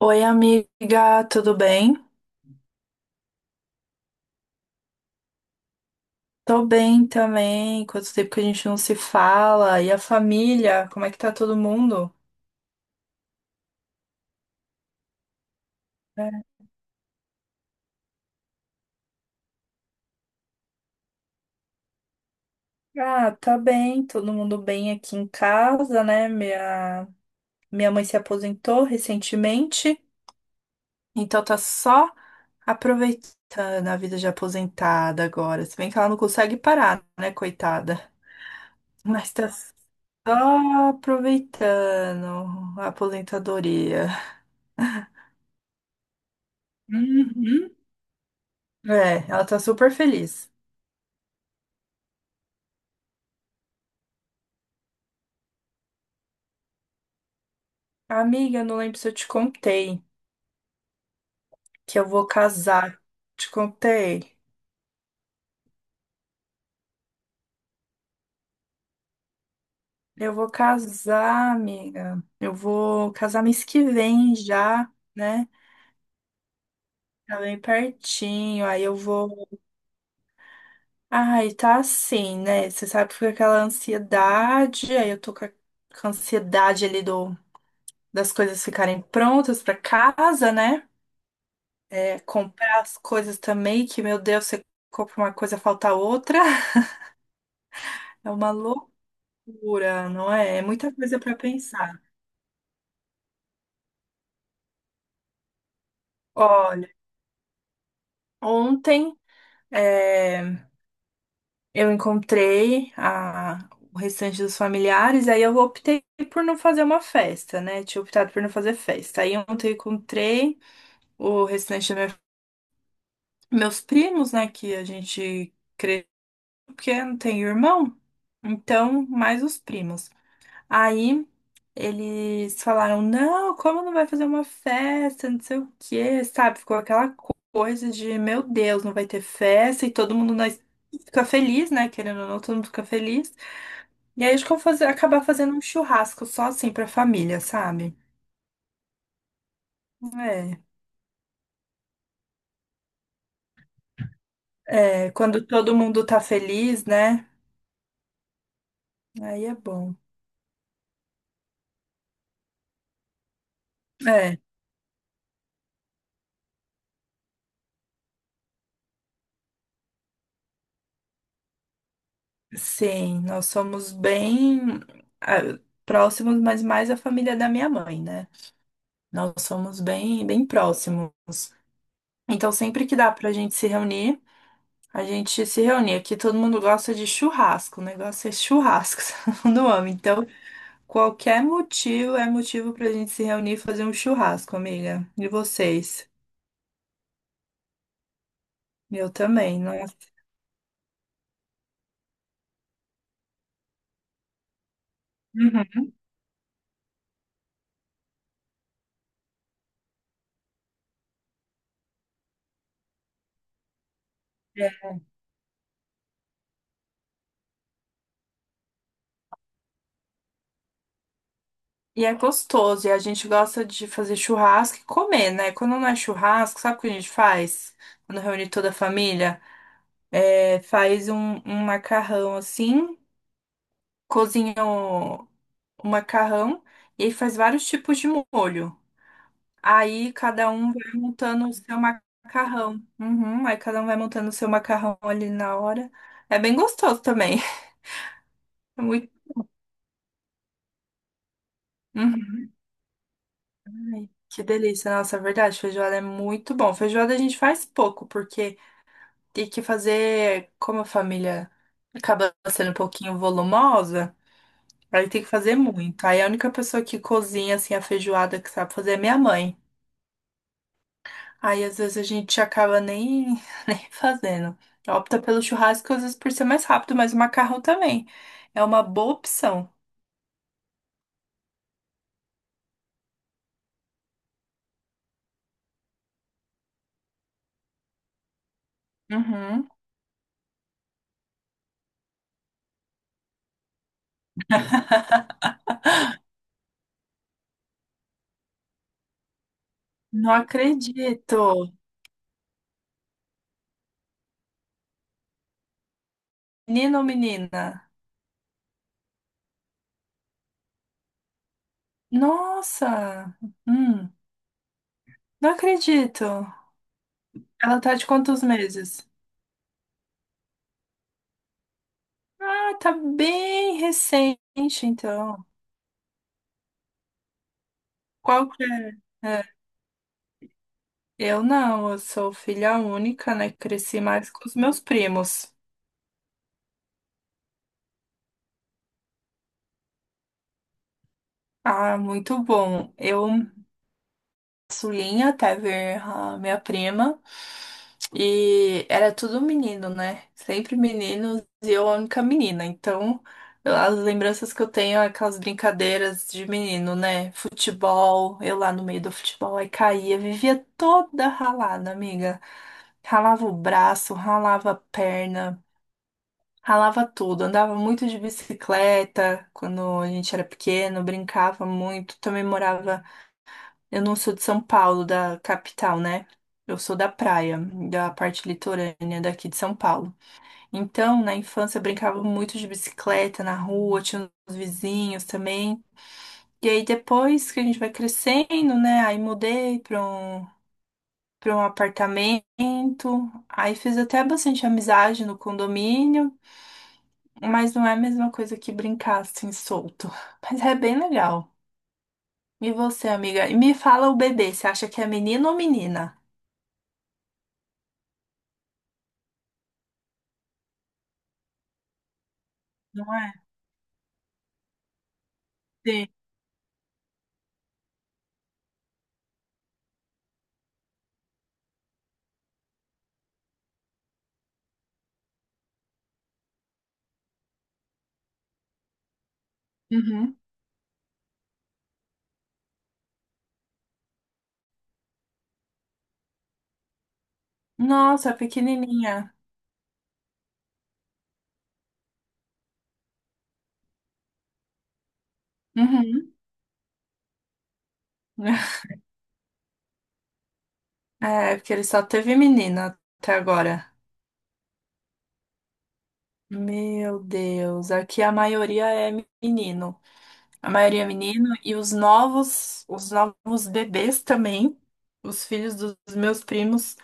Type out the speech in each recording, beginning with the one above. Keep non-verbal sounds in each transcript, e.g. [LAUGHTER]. Oi, amiga, tudo bem? Tô bem também. Quanto tempo que a gente não se fala? E a família? Como é que tá todo mundo? É. Ah, tá bem, todo mundo bem aqui em casa, né? Minha mãe se aposentou recentemente, então tá só aproveitando a vida de aposentada agora. Se bem que ela não consegue parar, né, coitada? [LAUGHS] Mas tá só aproveitando a aposentadoria. Uhum. É, ela tá super feliz. Amiga, eu não lembro se eu te contei que eu vou casar. Te contei? Eu vou casar, amiga. Eu vou casar mês que vem já, né? Tá bem pertinho. Aí eu vou. Ai, tá assim, né? Você sabe que fica aquela ansiedade. Aí eu tô com a ansiedade ali do das coisas ficarem prontas pra casa, né? É, comprar as coisas também, que, meu Deus, você compra uma coisa, falta outra. [LAUGHS] É uma loucura. Pura, não é? É muita coisa para pensar. Olha, ontem eh, eu encontrei o restante dos familiares, aí eu optei por não fazer uma festa, né? Tinha optado por não fazer festa. Aí ontem eu encontrei o restante dos meus primos, né? Que a gente cresceu, porque não tem irmão, então mais os primos. Aí eles falaram: não, como não vai fazer uma festa, não sei o quê, sabe? Ficou aquela coisa de: meu Deus, não vai ter festa e todo mundo nós fica feliz, né? Querendo ou não, todo mundo fica feliz. E aí a gente ficou acabar fazendo um churrasco só assim pra família, sabe? É, é, quando todo mundo tá feliz, né? Aí é bom. É, sim, nós somos bem ah, próximos, mas mais a família da minha mãe, né? Nós somos bem próximos. Então, sempre que dá pra gente se reunir, a gente se reúne. Aqui todo mundo gosta de churrasco, o negócio é churrasco, [LAUGHS] todo mundo ama. Então, qualquer motivo é motivo pra gente se reunir e fazer um churrasco, amiga. E vocês? Eu também, não é? Uhum. É. E é gostoso, e a gente gosta de fazer churrasco e comer, né? Quando não é churrasco, sabe o que a gente faz? Quando reúne toda a família? É, faz um macarrão assim. Cozinha o macarrão e aí faz vários tipos de molho. Aí cada um vai montando o seu macarrão. Uhum, aí cada um vai montando o seu macarrão ali na hora. É bem gostoso também. [LAUGHS] É muito... Uhum, ai, que delícia, nossa, é verdade, feijoada é muito bom. Feijoada a gente faz pouco, porque tem que fazer, como a família acaba sendo um pouquinho volumosa, aí tem que fazer muito. Aí a única pessoa que cozinha assim a feijoada que sabe fazer é minha mãe. Aí às vezes a gente acaba nem, [LAUGHS] nem fazendo. Opta pelo churrasco, às vezes por ser mais rápido, mas o macarrão também. É uma boa opção. Uhum. Não acredito. Menino ou menina? Nossa! Hum, não acredito. Ela tá de quantos meses? Ah, tá bem recente, então. Qual que é? É, eu não, eu sou filha única, né? Cresci mais com os meus primos. Ah, muito bom. Eu Sulinha até ver a minha prima. E era tudo menino, né? Sempre meninos e eu a única menina. Então, as lembranças que eu tenho é aquelas brincadeiras de menino, né? Futebol, eu lá no meio do futebol, aí caía, vivia toda ralada, amiga. Ralava o braço, ralava a perna, ralava tudo. Andava muito de bicicleta quando a gente era pequeno, brincava muito. Também morava eu não sou de São Paulo, da capital, né? Eu sou da praia, da parte litorânea daqui de São Paulo. Então, na infância, eu brincava muito de bicicleta na rua, tinha os vizinhos também. E aí, depois que a gente vai crescendo, né? Aí mudei para um apartamento. Aí fiz até bastante amizade no condomínio, mas não é a mesma coisa que brincar assim solto. [LAUGHS] Mas é bem legal. E você, amiga? E me fala o bebê, você acha que é menino ou menina? Não é? Sim. Uhum. Nossa, pequenininha. Uhum. [LAUGHS] É, porque ele só teve menina até agora. Meu Deus, aqui a maioria é menino. A maioria é menino e os novos bebês também, os filhos dos meus primos,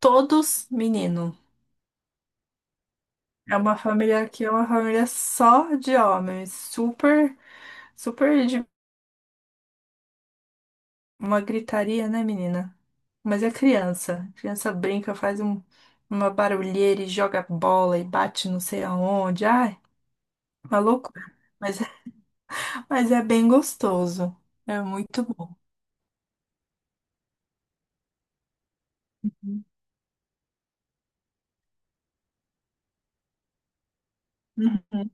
todos menino. É uma família aqui, é uma família só de homens, super, uma gritaria, né, menina? Mas é criança. Criança brinca, uma barulheira e joga bola e bate não sei aonde. Ai, uma loucura. Mas, é, mas é bem gostoso. É muito bom. Uhum.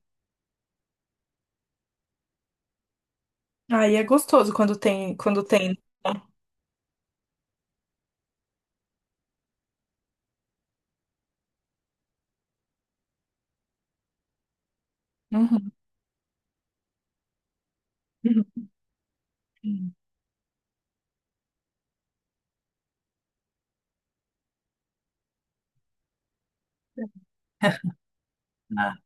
Aí é gostoso quando tem, né? Uhum. [LAUGHS] Uhum. Ah,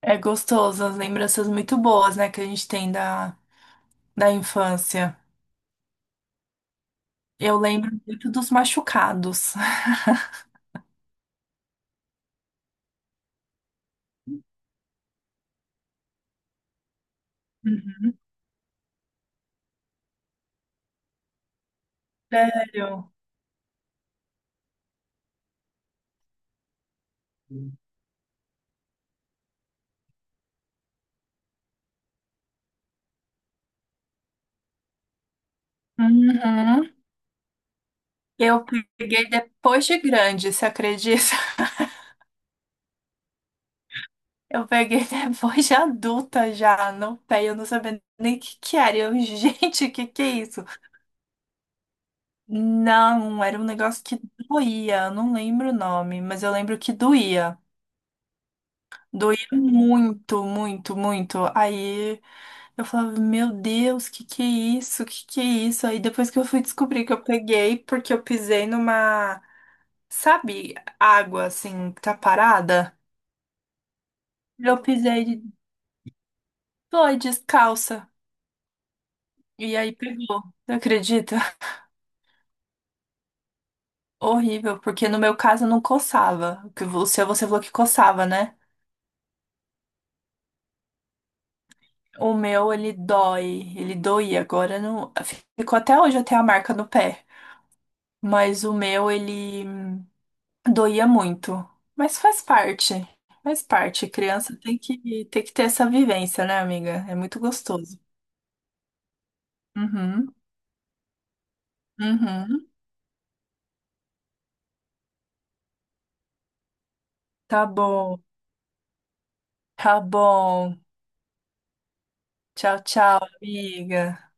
é gostoso, as lembranças muito boas, né, que a gente tem da infância. Eu lembro muito dos machucados. [LAUGHS] Sério? Uhum. Eu peguei depois de grande, você acredita? [LAUGHS] Eu peguei depois de adulta já, no pé, eu não sabia nem o que que era. Eu, [LAUGHS] gente, o que que é isso? Não, era um negócio que doía, eu não lembro o nome, mas eu lembro que doía. Doía muito. Aí eu falava, meu Deus, que é isso? Que é isso? Aí depois que eu fui descobrir que eu peguei, porque eu pisei numa, sabe, água assim, que tá parada. Eu pisei foi descalça. E aí pegou. Não acredita? Horrível, porque no meu caso não coçava. O seu você falou que coçava, né? O meu, ele dói. Ele doía. Agora não. Ficou até hoje, eu tenho a marca no pé. Mas o meu, ele doía muito. Mas faz parte. Faz parte. Criança tem tem que ter essa vivência, né, amiga? É muito gostoso. Uhum. Uhum. Tá bom. Tá bom. Tchau, tchau, amiga.